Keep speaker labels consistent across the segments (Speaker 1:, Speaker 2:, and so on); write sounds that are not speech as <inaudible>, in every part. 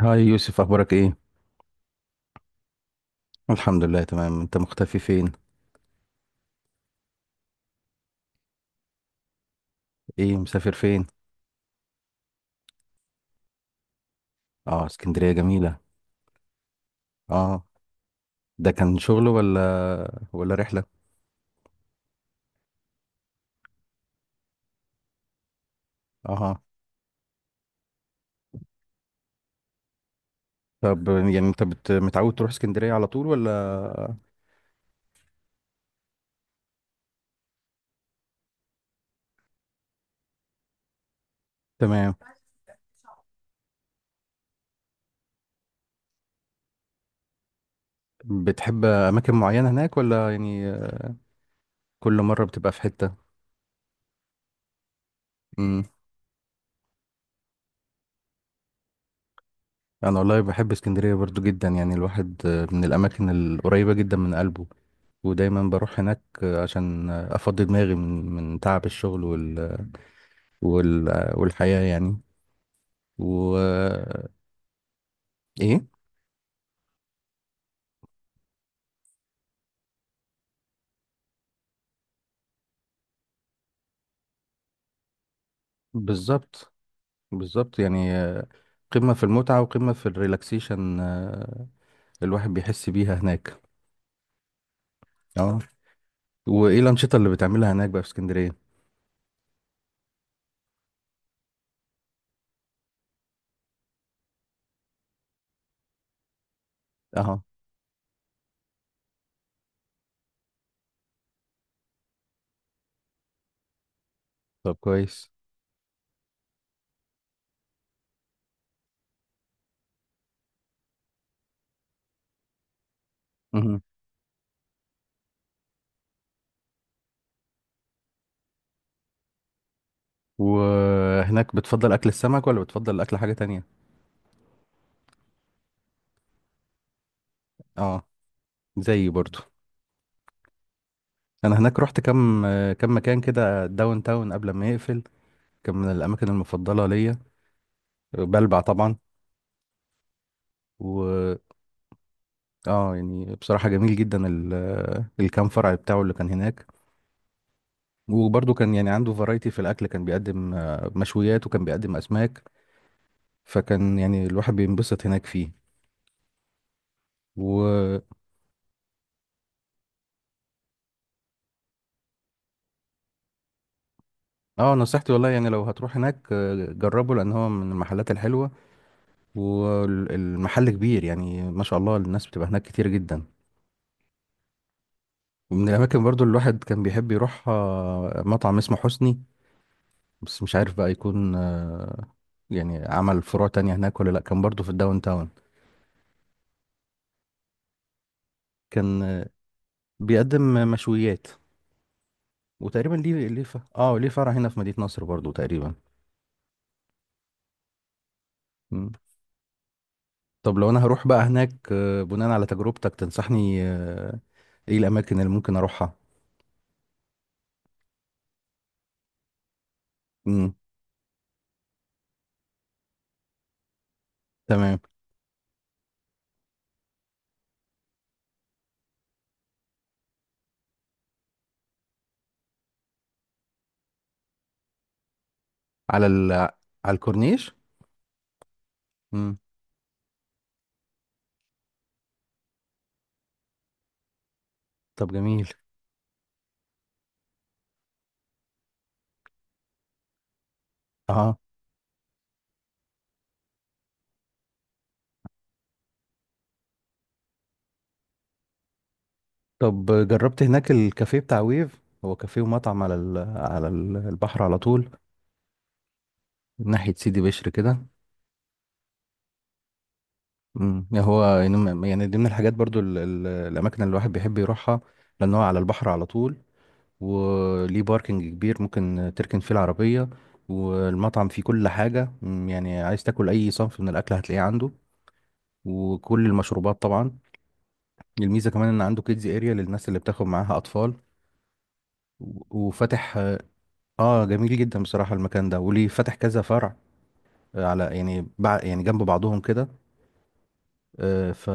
Speaker 1: هاي يوسف، اخبارك ايه؟ الحمد لله تمام. انت مختفي فين؟ ايه، مسافر فين؟ اه، اسكندرية جميلة. اه. ده كان شغل ولا رحلة؟ اه. طب يعني متعود تروح اسكندرية على طول ولا؟ تمام. بتحب اماكن معينة هناك ولا يعني كل مرة بتبقى في حتة؟ امم. انا والله بحب اسكندرية برضو جدا. يعني الواحد من الاماكن القريبة جدا من قلبه، ودايما بروح هناك عشان افضي دماغي من تعب الشغل وال... والحياة يعني. و ايه؟ بالظبط. بالظبط يعني قمة في المتعة وقمة في الريلاكسيشن. الواحد بيحس بيها هناك. اه. وايه الأنشطة اللي بتعملها هناك بقى في اسكندرية؟ اه. طب كويس. مهم. وهناك بتفضل أكل السمك ولا بتفضل أكل حاجة تانية؟ اه، زيي برضو. أنا هناك رحت كم مكان كده داون تاون قبل ما يقفل، كان من الأماكن المفضلة ليا. بلبع طبعا. اه يعني بصراحة جميل جدا الكام فرع بتاعه اللي كان هناك. وبرضه كان يعني عنده فرايتي في الأكل، كان بيقدم مشويات وكان بيقدم أسماك، فكان يعني الواحد بينبسط هناك فيه. و اه، نصيحتي والله يعني لو هتروح هناك جربه، لأن هو من المحلات الحلوة والمحل كبير. يعني ما شاء الله الناس بتبقى هناك كتير جدا. ومن الأماكن برضه اللي الواحد كان بيحب يروح مطعم اسمه حسني، بس مش عارف بقى يكون يعني عمل فروع تانية هناك ولا لأ. كان برضه في الداون تاون، كان بيقدم مشويات. وتقريبا ليه ليه ف... اه ليه فرع هنا في مدينة نصر برضو تقريبا. مم. طب لو انا هروح بقى هناك بناء على تجربتك تنصحني ايه الاماكن اللي ممكن اروحها؟ مم. تمام. على على الكورنيش. مم. طب جميل. اه. طب جربت هناك الكافيه بتاع ويف؟ هو كافيه ومطعم على على البحر على طول، ناحية سيدي بشر كده. مم. يعني يعني دي من الحاجات برضو الاماكن اللي الواحد بيحب يروحها، لان هو على البحر على طول وليه باركنج كبير ممكن تركن فيه العربية. والمطعم فيه كل حاجة، يعني عايز تاكل أي صنف من الأكل هتلاقيه عنده، وكل المشروبات طبعا. الميزة كمان إن عنده كيدز اريا للناس اللي بتاخد معاها أطفال. وفاتح. اه جميل جدا بصراحة المكان ده، وليه فاتح كذا فرع على يعني جنب بعضهم كده. آه، ف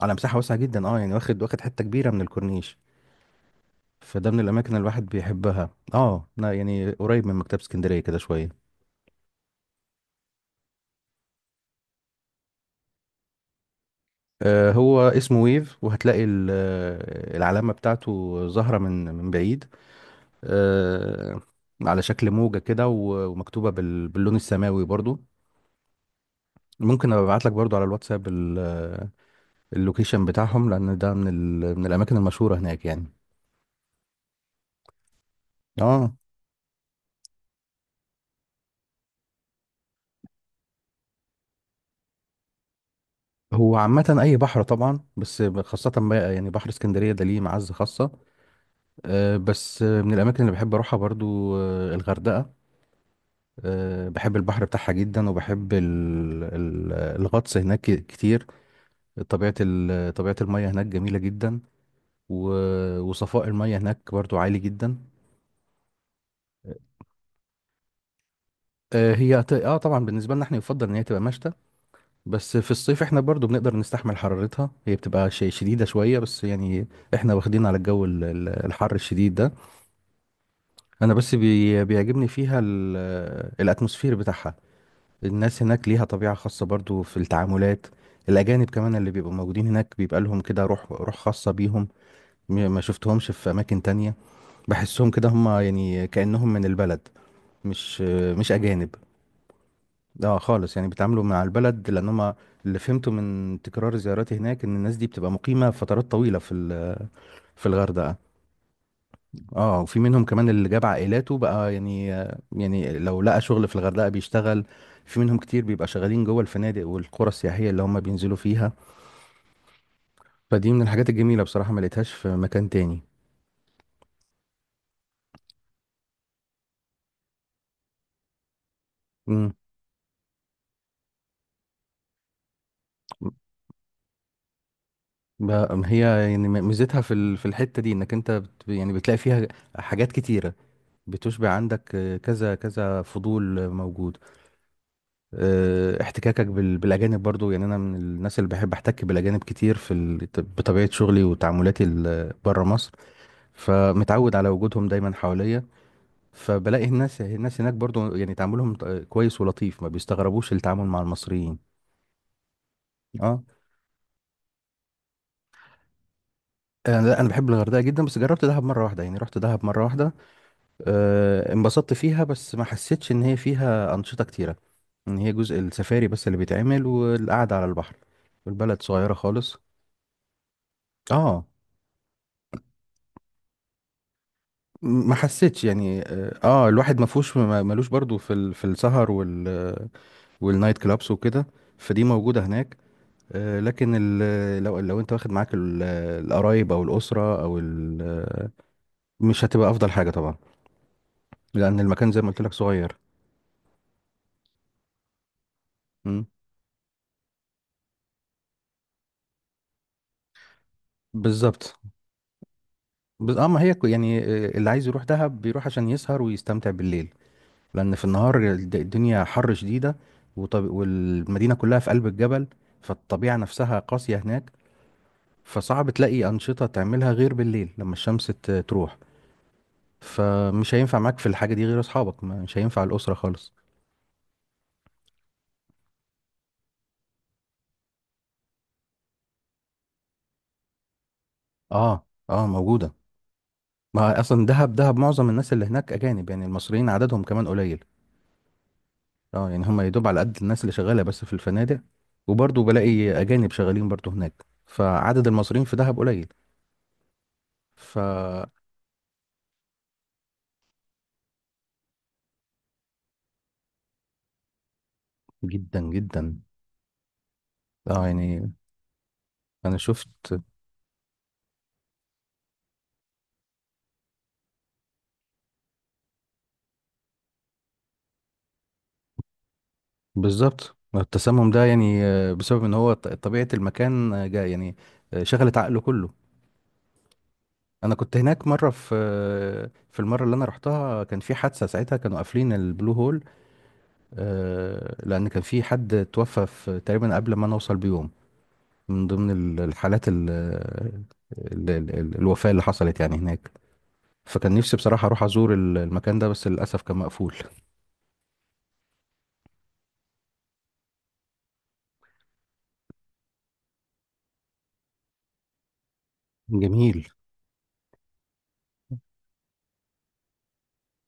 Speaker 1: على مساحة واسعة جدا. اه يعني واخد حتة كبيرة من الكورنيش، فده من الأماكن اللي الواحد بيحبها. اه لا، يعني قريب من مكتبة اسكندرية كده شوية. هو اسمه ويف، وهتلاقي العلامة بتاعته ظاهرة من بعيد، آه، على شكل موجة كده، ومكتوبة باللون السماوي برضو. ممكن ابعت لك برضو على الواتساب اللوكيشن بتاعهم، لان ده من من الاماكن المشهورة هناك يعني. اه. هو عامة أي بحر طبعا، بس خاصة بقى يعني بحر اسكندرية ده ليه معزة خاصة. بس من الأماكن اللي بحب أروحها برضو الغردقة. بحب البحر بتاعها جدا، وبحب الغطس هناك كتير. طبيعة المياه هناك جميلة جدا، وصفاء المياه هناك برضو عالي جدا. آه، هي ت- اه طبعا بالنسبة لنا احنا يفضل ان هي تبقى مشتى، بس في الصيف احنا برضو بنقدر نستحمل حرارتها. هي بتبقى شيء شديدة شوية بس يعني احنا واخدين على الجو الحر الشديد ده. انا بس بيعجبني فيها الاتموسفير بتاعها. الناس هناك ليها طبيعة خاصة برضو في التعاملات. الأجانب كمان اللي بيبقوا موجودين هناك بيبقى لهم كده روح خاصة بيهم، ما شفتهمش في أماكن تانية. بحسهم كده هم يعني كأنهم من البلد، مش أجانب. اه خالص، يعني بيتعاملوا مع البلد لأن هم، اللي فهمته من تكرار زياراتي هناك، إن الناس دي بتبقى مقيمة فترات طويلة في في الغردقة. اه، وفي منهم كمان اللي جاب عائلاته بقى. يعني يعني لو لقى شغل في الغردقة بيشتغل. في منهم كتير بيبقى شغالين جوه الفنادق والقرى السياحية اللي هم بينزلوا فيها. فدي من الحاجات الجميلة بصراحة، ما لقيتهاش في مكان تاني. امم. ب- هي يعني ميزتها في في الحتة دي انك انت يعني بتلاقي فيها حاجات كتيرة، بتشبع عندك كذا فضول موجود. احتكاكك بالاجانب برضو. يعني انا من الناس اللي بحب احتك بالاجانب كتير في بطبيعة شغلي وتعاملاتي بره مصر، فمتعود على وجودهم دايما حواليا. فبلاقي الناس هناك برضو يعني تعاملهم كويس ولطيف، ما بيستغربوش التعامل مع المصريين. اه. انا لا، انا بحب الغردقه جدا. بس جربت دهب مره واحده، يعني رحت دهب مره واحده. انبسطت فيها بس ما حسيتش ان هي فيها انشطه كتيره، ان هي جزء السفاري بس اللي بيتعمل والقعده على البحر، والبلد صغيره خالص. اه. ما حسيتش يعني، الواحد ما فيهوش ملوش برضو في في السهر والنايت كلابس وكده، فدي موجوده هناك. لكن لو انت واخد معاك القرايب او الاسره او مش هتبقى افضل حاجه طبعا، لان المكان زي ما قلت لك صغير. مم. بالظبط. بس اه، ما هي كو- يعني اللي عايز يروح دهب بيروح عشان يسهر ويستمتع بالليل، لان في النهار الدنيا حر شديده. والمدينه كلها في قلب الجبل، فالطبيعه نفسها قاسيه هناك، فصعب تلاقي انشطه تعملها غير بالليل لما الشمس تروح. فمش هينفع معاك في الحاجه دي غير اصحابك، مش هينفع الاسره خالص. اه، اه موجودة. ما اصلا دهب معظم الناس اللي هناك اجانب، يعني المصريين عددهم كمان قليل. اه يعني هم يدوب على قد الناس اللي شغالة بس في الفنادق، وبرضه بلاقي اجانب شغالين برضه هناك، فعدد المصريين في دهب قليل. ف جدا جدا. اه يعني انا شفت. بالظبط. التسمم ده يعني بسبب ان هو طبيعة المكان جا يعني شغلت عقله كله. انا كنت هناك مرة في في المرة اللي انا رحتها، كان في حادثة ساعتها كانوا قافلين البلو هول. لان كان في حد توفى في تقريبا قبل ما انا اوصل بيوم، من ضمن الحالات الوفاة اللي حصلت يعني هناك. فكان نفسي بصراحة اروح ازور المكان ده، بس للاسف كان مقفول. جميل.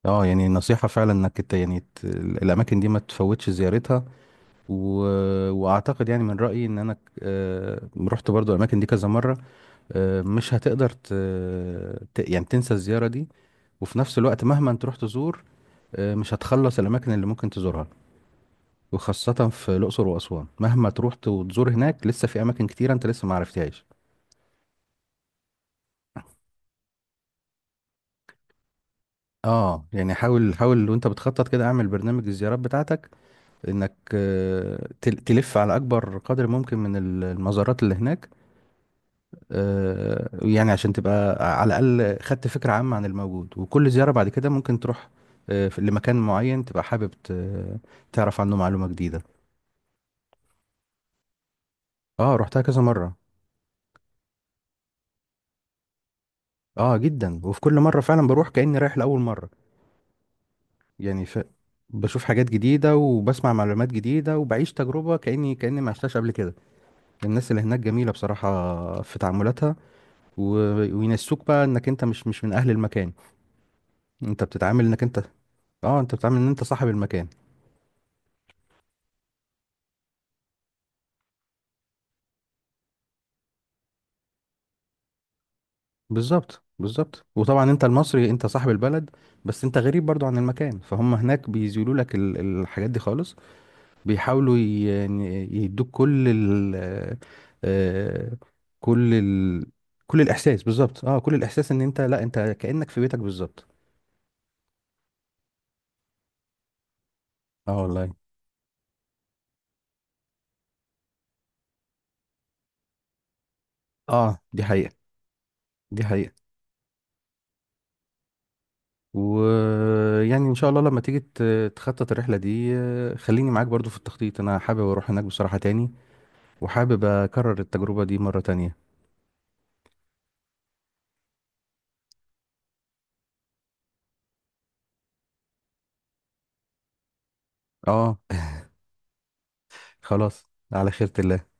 Speaker 1: اه يعني نصيحة فعلا يعني الاماكن دي ما تفوتش زيارتها. و... واعتقد يعني من رأيي ان انا رحت برضو الاماكن دي كذا مرة، مش هتقدر يعني تنسى الزيارة دي. وفي نفس الوقت مهما انت رحت تزور، مش هتخلص الأماكن اللي ممكن تزورها. وخاصة في الأقصر وأسوان، مهما تروح وتزور هناك، لسه في أماكن كتيرة أنت لسه ما عرفتهاش. اه يعني حاول وانت بتخطط كده، اعمل برنامج الزيارات بتاعتك انك تلف على اكبر قدر ممكن من المزارات اللي هناك. يعني عشان تبقى على الاقل خدت فكرة عامة عن الموجود، وكل زيارة بعد كده ممكن تروح لمكان معين تبقى حابب تعرف عنه معلومة جديدة. اه رحتها كذا مرة. اه جدا، وفي كل مرة فعلا بروح كأني رايح لأول مرة. يعني ف... بشوف حاجات جديدة وبسمع معلومات جديدة وبعيش تجربة كأني ما عشتهاش قبل كده. الناس اللي هناك جميلة بصراحة في تعاملاتها. و... وينسوك بقى انك انت مش من اهل المكان. انت بتتعامل انك انت. اه انت بتتعامل ان انت صاحب المكان. بالظبط. بالظبط، وطبعا انت المصري انت صاحب البلد، بس انت غريب برضو عن المكان، فهم هناك بيزيلوا لك الحاجات دي خالص، بيحاولوا يعني يدوك كل ال آه، كل ال كل الاحساس. بالظبط. اه كل الاحساس ان انت، لا انت كأنك في بيتك بالظبط. اه والله. اه دي حقيقة. دي حقيقة. ويعني ان شاء الله لما تيجي تخطط الرحلة دي، خليني معاك برضو في التخطيط. انا حابب اروح هناك بصراحة تاني، وحابب اكرر التجربة دي مرة تانية. اه <laughs> خلاص. على خيرة الله.